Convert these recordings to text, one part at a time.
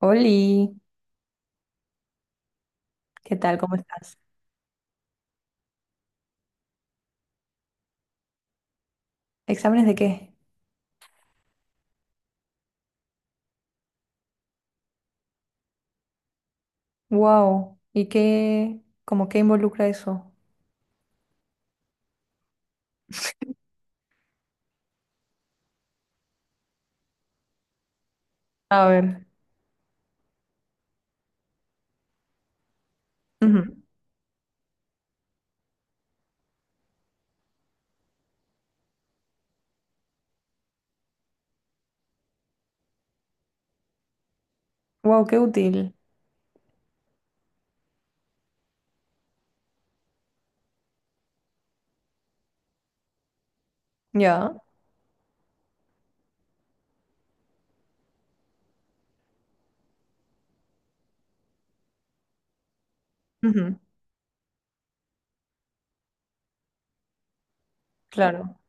Oli, ¿qué tal? ¿Cómo estás? ¿Exámenes de qué? Wow. ¿Y qué, como qué involucra eso? A ver. Wow, qué útil. Ya. Ujú. Claro.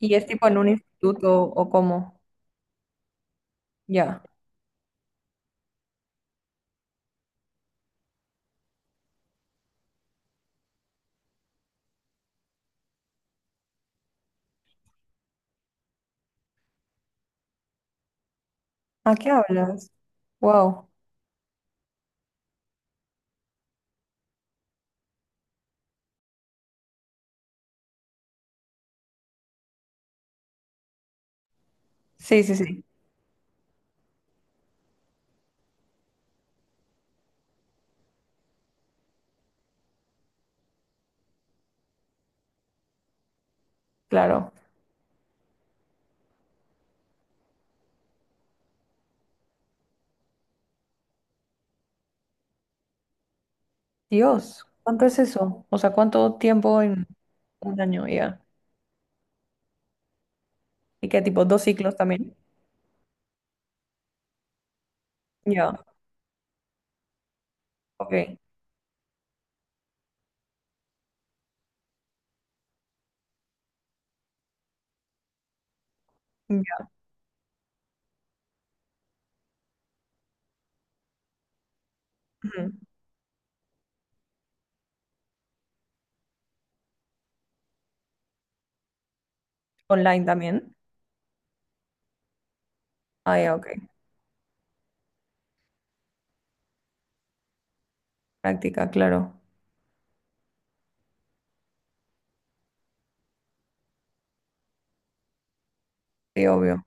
¿Y es tipo en un instituto o cómo? Ya. ¿A qué hablas? Wow. Sí, sí, sí. Claro. Dios, ¿cuánto es eso? O sea, ¿cuánto tiempo en un año? Ya. ¿Y qué tipo? ¿Dos ciclos también? Ya. Ok. Ya. Ujú. Online también. Ah, ya, ok. Práctica, claro. Sí, obvio.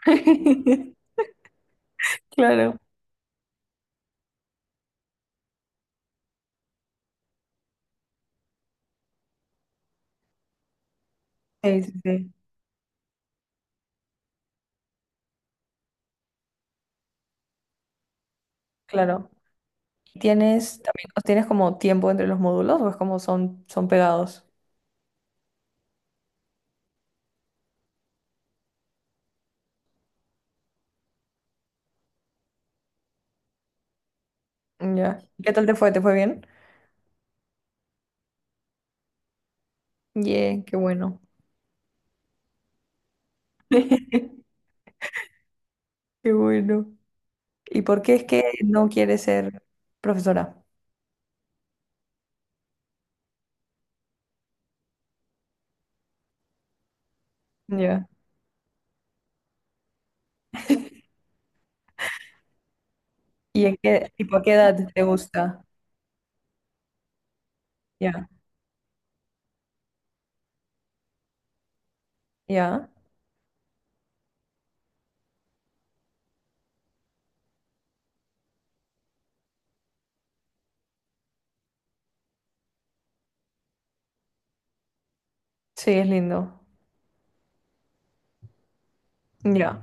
Claro. Sí, sí, sí, claro. ¿Tienes también, o tienes como tiempo entre los módulos o es como son, son pegados? Ya. ¿Qué tal te fue? ¿Te fue bien? Yeah, qué bueno. Qué bueno. ¿Y por qué es que no quieres ser profesora? Ya. ¿Y en qué, tipo, a qué edad te gusta? Ya. Ya. Sí, es lindo. Ya.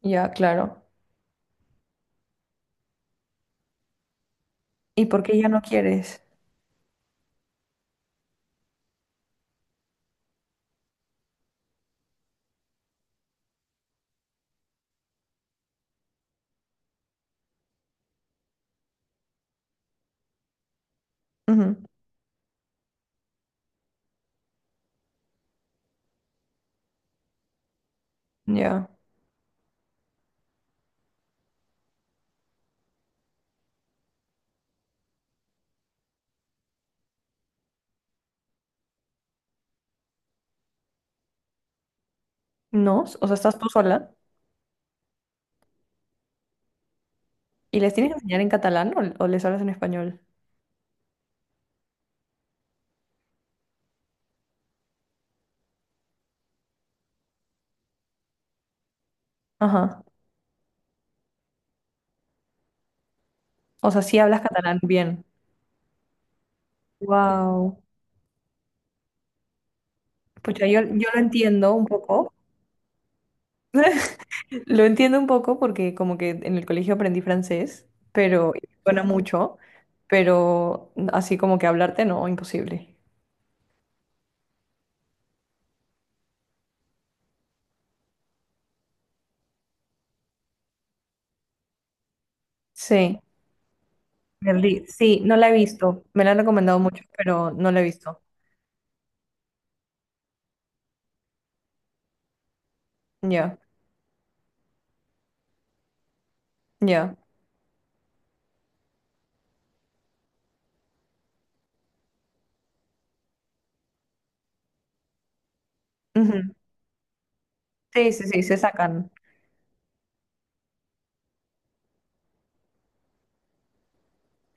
Ya, claro. ¿Y por qué ya no quieres? Ujú. Ya. ¿No? O sea, ¿estás tú sola? ¿Y les tienes que enseñar en catalán o les hablas en español? Ajá. O sea, sí hablas catalán bien. Wow. Pues yo lo entiendo un poco. Lo entiendo un poco porque como que en el colegio aprendí francés, pero y suena mucho, pero así como que hablarte no, imposible. Sí, Berlín. Sí, no la he visto. Me la han recomendado mucho, pero no la he visto. Ya, ya. Ujú. Sí, sí, sí, se sacan.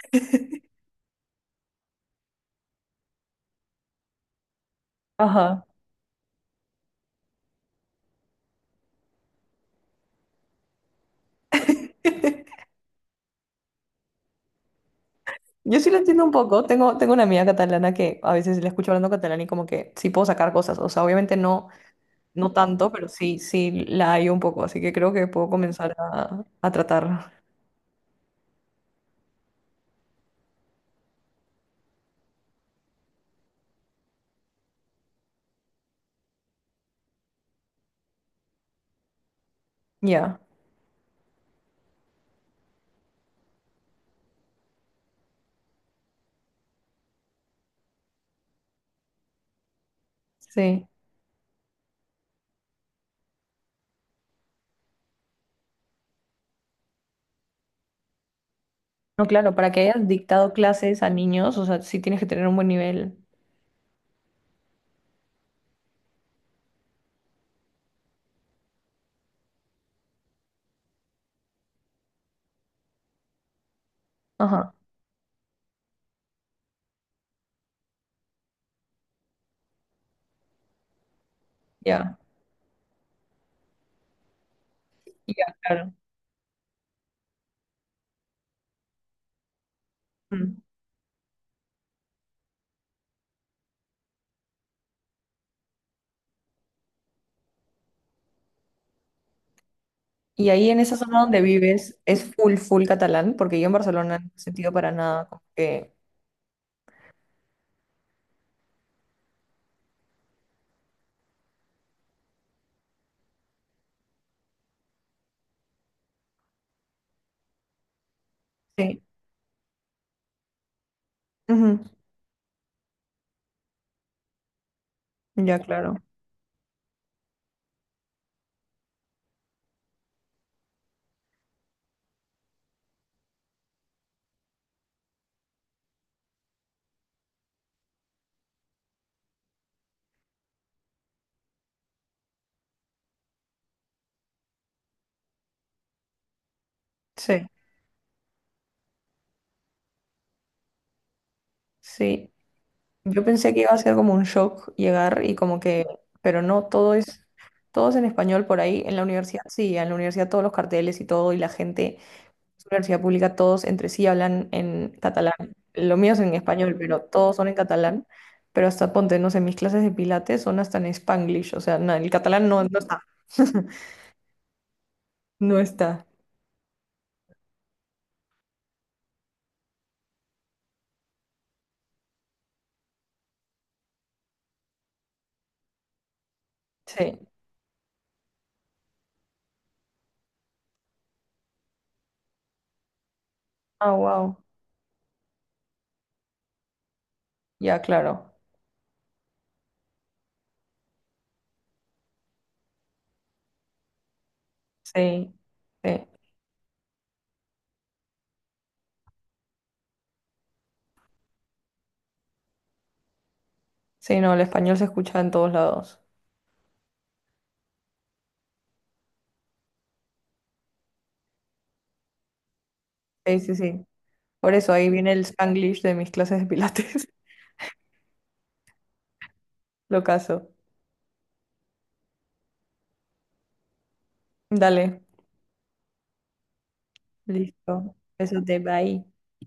Ajá. Yo sí lo entiendo un poco. Tengo una amiga catalana que a veces la escucho hablando catalán y como que sí puedo sacar cosas. O sea, obviamente no, no tanto, pero sí, sí la hay un poco. Así que creo que puedo comenzar a tratar. Ya, sí. No, claro, para que hayas dictado clases a niños, o sea, sí tienes que tener un buen nivel. Ajá, ya, ya, claro. Mm. Y ahí en esa zona donde vives es full, full catalán, porque yo en Barcelona no he sentido para nada como que... Sí. Ujú. Ya, claro. Sí, sí. Yo pensé que iba a ser como un shock llegar y como que, pero no, todo es en español por ahí. En la universidad, sí, en la universidad todos los carteles y todo, y la gente, es una universidad pública, todos entre sí hablan en catalán. Lo mío es en español, pero todos son en catalán. Pero hasta ponte, no sé, mis clases de pilates son hasta en Spanglish, o sea, no, el catalán no, no está. No está. Sí. Ah, wow. Ya, claro. Sí. Sí. Sí, no, el español se escucha en todos lados. Sí, sí, sí. Por eso ahí viene el Spanglish de mis clases de pilates. Lo caso. Dale, listo. Besos de bye.